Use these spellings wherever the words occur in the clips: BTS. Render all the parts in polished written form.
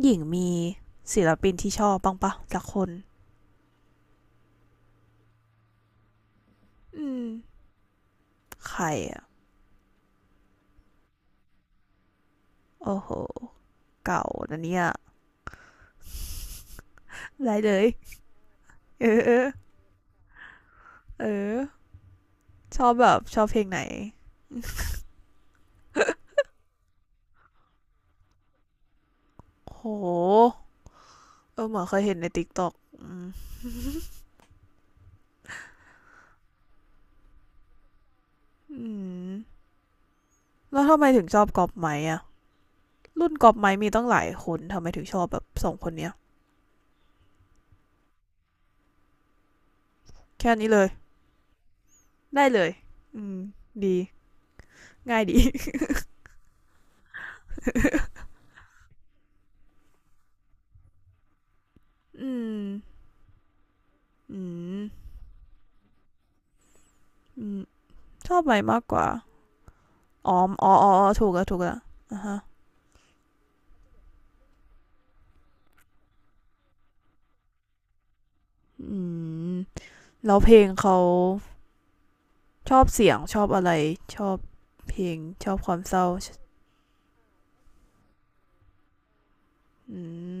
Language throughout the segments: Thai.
หญิงมีศิลปินที่ชอบบ้างปะสักคนอืมใครอ่ะโอ้โหเก่านะเนี่ยไรเลยเออชอบแบบชอบเพลงไหนโหเออเหมือนเคยเห็นในติ๊กต็อกอืมแล้วทำไมถึงชอบกอบไม้อ่ะรุ่นกอบไม้มีตั้งหลายคนทำไมถึงชอบแบบสองคนเนี้ยแค่นี้เลยได้เลยอืมดีง่ายดี อืมอืมอืมชอบไม้มากกว่า อ๋อออถูกแล้วถูกแล้วอ่ะฮะอืมแล้วเพลงเขาชอบเสียงชอบอะไรชอบเพลงชอบความเศร้าอืม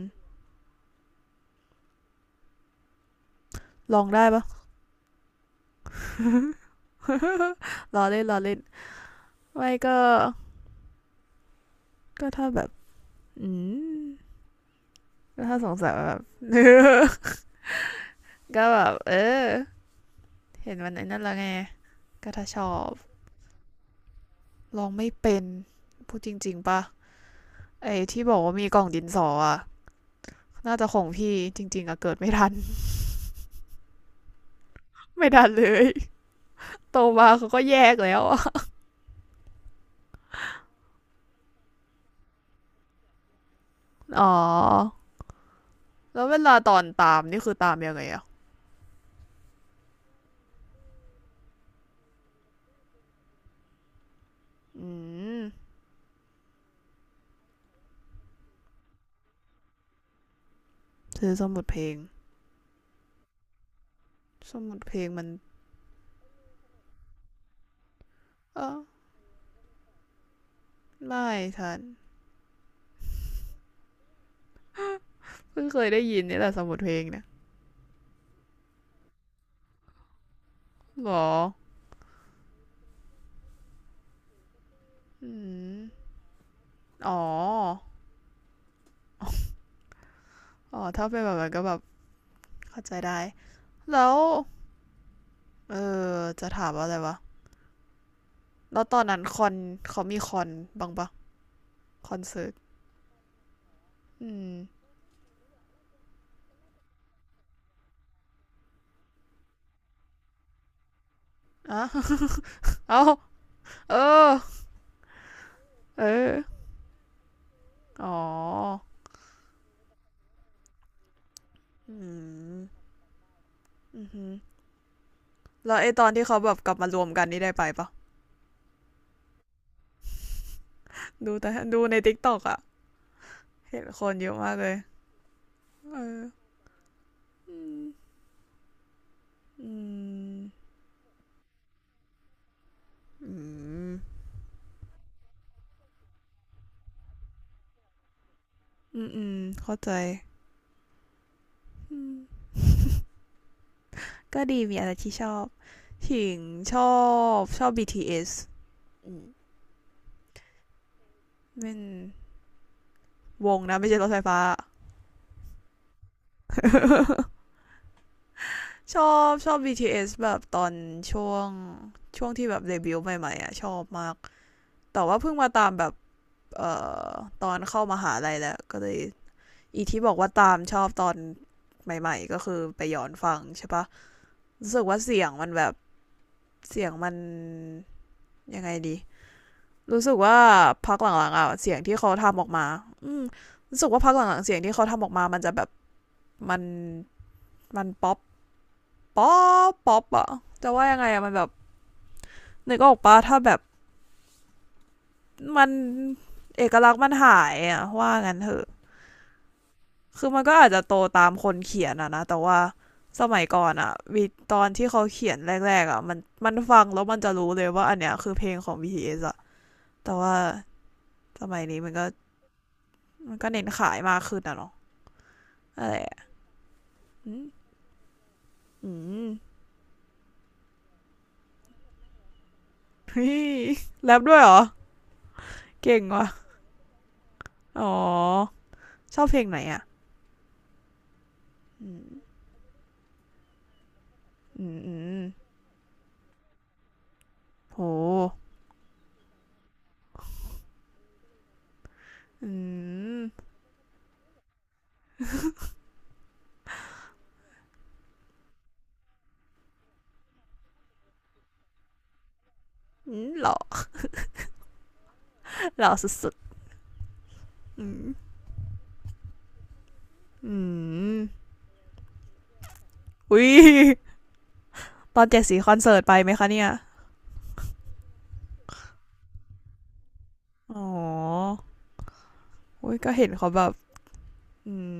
ลองได้ปะรอเล่นไม่ก็ถ้าแบบอืมก็ถ้าสงสัยว่าแบบ ก็แบบอเห็นวันไหนนั่นและไงก็ถ้าชอบลองไม่เป็นพูดจริงๆปะไอ้ที่บอกว่ามีกล่องดินสออะน่าจะของพี่จริงๆอะเกิดไม่ทัน ไม่ทันเลยโตมาเขาก็แยกแล้วอะ อ๋อแล้วเวลาตอนตามนี่คือตามยังไงอ่ะอืมซื้อสมุดเพลงสมุดเพลงมันเออไม่ฉันเพิ่งเคยได้ยินนี่แหละสมุดเพลงเนี่ยหรออืมอ๋ออ๋อถ้าเป็นแบบนั้นก็แบบเข้าใจได้แล้วเออจะถามว่าอะไรวะแล้วตอนนั้นคอนเขามีคอนบ้างปะคอนเสิร์ตอืมอ่ะ เอาเออเอออ๋ออืมอือหือ แล้วไอตอนที่เขาแบบกลับมารวมกันนี่ได้ไปปะดูแต่ดูในทิกตอกอะเห็นคนเยอะมากเลยเอออืมอืมอืมอืมเข้าใจอืมก็ดีมีอะไรที่ชอบถิงชอชอบ BTS อืมเป็นวงนะไม่ใช่รถไฟฟ้า ชอบ BTS แบบตอนช่วงช่วงที่แบบเดบิวต์ใหม่ๆอ่ะชอบมากแต่ว่าเพิ่งมาตามแบบเอ่อตอนเข้ามหาลัยแล้วก็เลย อีที่บอกว่าตามชอบตอนใหม่ๆก็คือไปย้อนฟังใช่ปะรู้สึกว่าเสียงมันแบบเสียงมันยังไงดีรู้สึกว่าพักหลังๆอ่ะเสียงที่เขาทำออกมาอืมรู้สึกว่าพักหลังๆเสียงที่เขาทำออกมามันจะแบบมันมันป๊อปป๊อป๊อปอะจะว่ายังไงอะมันแบบนึกออกปะถ้าแบบมันเอกลักษณ์มันหายอะว่างั้นเถอะ คือมันก็อาจจะโตตามคนเขียนอะนะแต่ว่าสมัยก่อนอะมีตอนที่เขาเขียนแรกๆอะมันฟังแล้วมันจะรู้เลยว่าอันเนี้ยคือเพลงของ BTS อสอะแต่ว่าสมัยนี้มันก็เน้นขายมากขึ้นอะเนาะอะไรอืมอืม แรปด้วยเหรอเก่งว่ะอ๋อชอบเพลงไหนอะอืมอืมโหอืมอืมหล่อหล่อสุดๆอืมอุ้ยตอนเจ็ดสีคอนเสิร์ตไปไหมคะเนี่ย อ๋ออุ้ยก็เห็นเขาแบบอืม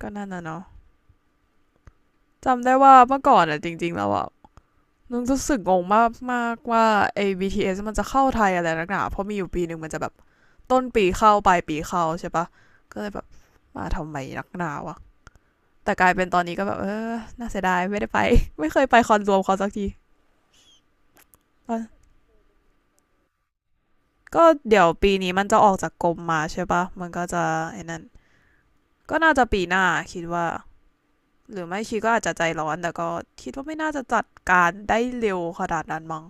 ก็นั่นน่ะเนาะจำได้ว่าเมื่อก่อนอ่ะจริงๆแล้วอ่ะนึกรู้สึกงงมากมากว่าไอ้ BTS มันจะเข้าไทยอะไรนักหนาเพราะมีอยู่ปีหนึ่งมันจะแบบต้นปีเข้าปลายปีเข้าใช่ปะก็เลยแบบมาทำไมนักหนาวะแต่กลายเป็นตอนนี้ก็แบบเออน่าเสียดายไม่ได้ไป ไม่เคยไปคอนรวมเขาสักทีอ่ะก็เดี๋ยวปีนี้มันจะออกจากกรมมาใช่ปะมันก็จะไอ้นั่นก็น่าจะปีหน้าคิดว่า หรือไม่ชีก็อาจจะใจร้อนแต่ก็คิดว่าไม่น่าจะจัดการได้เร็วขนาดนั้นมั้ง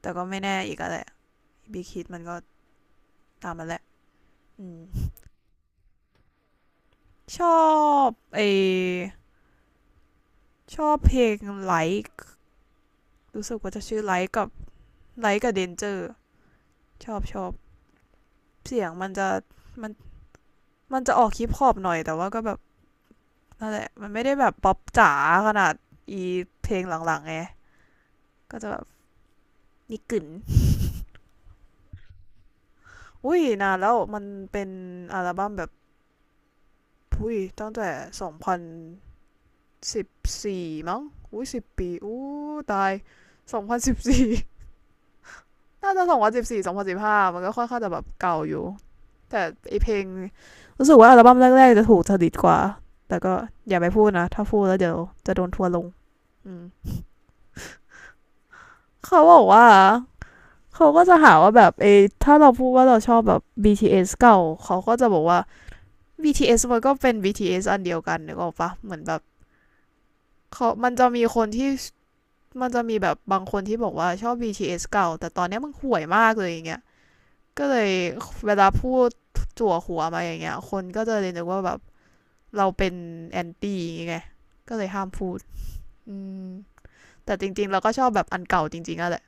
แต่ก็ไม่แน่อีกอะแหละบีคิดมันก็ตามมันแหละอืมชอบไอชอบเพลงไลค์รู้สึกว่าจะชื่อไลค์กับไลค์กับเดนเจอร์ชอบเสียงมันจะมันมันจะออกฮิปฮอปหน่อยแต่ว่าก็แบบนั่นแหละมันไม่ได้แบบป๊อปจ๋าขนาดอีเพลงหลังๆไงก็จะแบบนิกึนอุ้ยนานแล้วมันเป็นอัลบั้มแบบ อุ้ยตั้งแต่2014มั้งอุ้ย10 ปีอู้ตายสองพันสิบสี่ น่าจะ20142015มันก็ค่อนข้างจะแบบเก่าอยู่แต่ไอเพลงรู้สึกว่าอัลบั้มแรกๆจะถูกจริตกว่าแต่ก็อย่าไปพูดนะถ้าพูดแล้วเดี๋ยวจะโดนทัวร์ลงอืมเขาบอกว่าเขาก็จะหาว่าแบบเอถ้าเราพูดว่าเราชอบแบบ BTS เอสเก่าเขาก็จะบอกว่า BTS มันก็เป็น BTS อสอันเดียวกันนึกออกปะเหมือนแบบเขามันจะมีคนที่ มันจะมีแบบบางคนที่บอกว่าชอบ BTS เอสเก่าแต่ตอนเนี้ยมึงห่วยมากเลยอย่างเงี้ยก็เลยเวลาพูดจั่วหัวมาอย่างเงี้ยคนก็จะเลยนึกว่าแบบเราเป็นแอนตี้อย่างเงี้ยไงก็เลยห้ามพูดอืมแต่จริงๆเราก็ชอบแบบอันเก่าจริงๆอะแหละ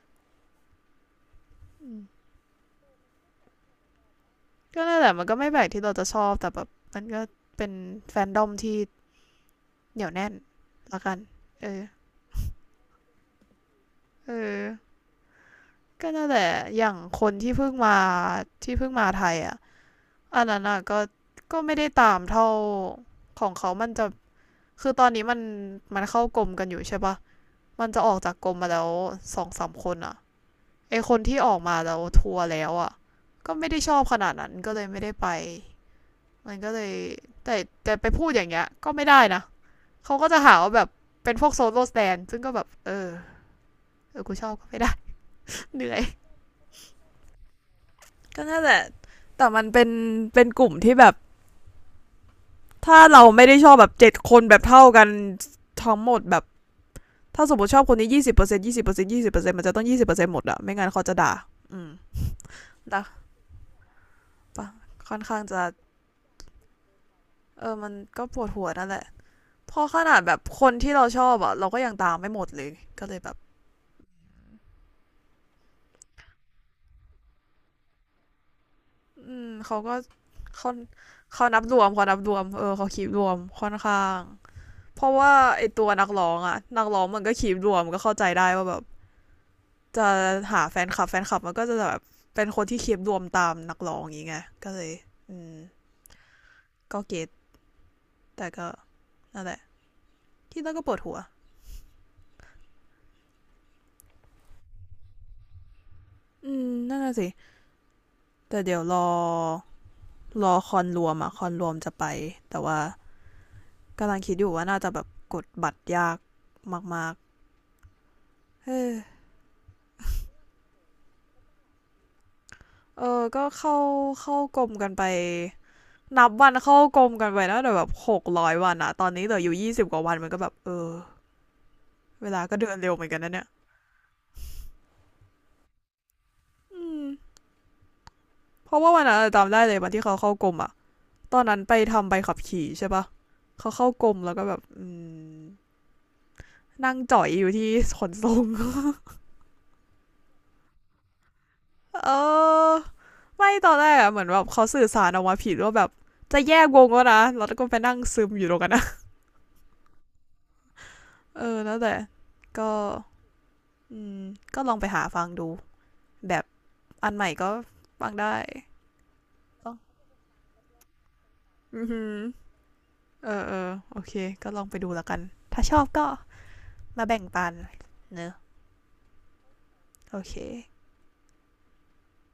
ก็นั่นแหละมันก็ไม่แปลกที่เราจะชอบแต่แบบมันก็เป็นแฟนดอมที่เหนียวแน่นละกันเออเออก็นั่นแหละอย่างคนที่เพิ่งมาที่เพิ่งมาไทยอ่ะ อันนั้นอ่ะก็ก็ไม่ได้ตามเท่าของเขามันจะคือตอนนี้มันเข้ากรมกันอยู่ใช่ปะมันจะออกจากกรมมาแล้วสองสามคนอ่ะไอคนที่ออกมาแล้วทัวร์แล้วอ่ะก็ไม่ได้ชอบขนาดนั้นก็เลยไม่ได้ไปมันก็เลยแต่แต่ไปพูดอย่างเงี้ยก็ไม่ได้นะเขาก็จะหาว่าแบบเป็นพวกโซโล่สแตนซึ่งก็แบบเออเออกูชอบก็ไม่ได้ เหนื่อยก็น่าแหละแต่มันเป็นกลุ่มที่แบบถ้าเราไม่ได้ชอบแบบเจ็ดคนแบบเท่ากันทั้งหมดแบบ ถ้าสมมติชอบคนนี้ยี่สิบเปอร์เซ็นต์ยี่สิบเปอร์เซ็นต์ยี่สิบเปอร์เซ็นต์มันจะต้องยี่สิบเปอร์เซ็นต์หมดอะไม่งั้นเขาจะด่าอืมด่าปะค่อนข้างจะเออมันก็ปวดหัวนั่นแหละพอขนาดแบบคนที่เราชอบอะเราก็ยังตามไม่หมดเลยก็เลยแบบอืมเขาก็เขาเขานับรวมเขานับรวมเออเขาคีบรวมค่อนข้างเพราะว่าไอตัวนักร้องอะนักร้องมันก็คีบรวมก็เข้าใจได้ว่าแบบจะหาแฟนคลับแฟนคลับมันก็จะแบบเป็นคนที่คีบรวมตามนักร้องอย่างเงี้ยก็เลยอืมก็เก็ตแต่ก็นั่นแหละไร ที่แล้วก็ปวดหัวอืมนั่นน่ะสิแต่เดี๋ยวรอคอนรวมอะคอนรวมจะไปแต่ว่ากำลังคิดอยู่ว่าน่าจะแบบกดบัตรยากมากๆเออเออก็เข้ากรมกันไปนับวันเข้ากรมกันไปนะแต่แบบ600 วันอะตอนนี้เหลืออยู่20 กว่าวันมันก็แบบเออเวลาก็เดินเร็วเหมือนกันนะเนี่ยอืมเพราะว่าวันนั้นจำได้เลยวันที่เขาเข้ากรมอะตอนนั้นไปทำใบขับขี่ใช่ปะเขาเข้ากรมแล้วก็แบบอืมนั่งจ่อยอยู่ที่ขนส่ง เออไม่ตอนแรกอะเหมือนแบบเขาสื่อสารออกมาผิดว่าแบบจะแยกวงแล้วนะแล้วก็ไปนั่งซึมอยู่ตรงกันนะเออนั่นแหล้วแต่ก็อืมก็ลองไปหาฟังดูแบบอันใหม่ก็ฟังได้ก็อือหือเออเออโอเคก็ลองไปดูแล้วกันถ้าชอบก็มาแบ่งปันเนอะโอเค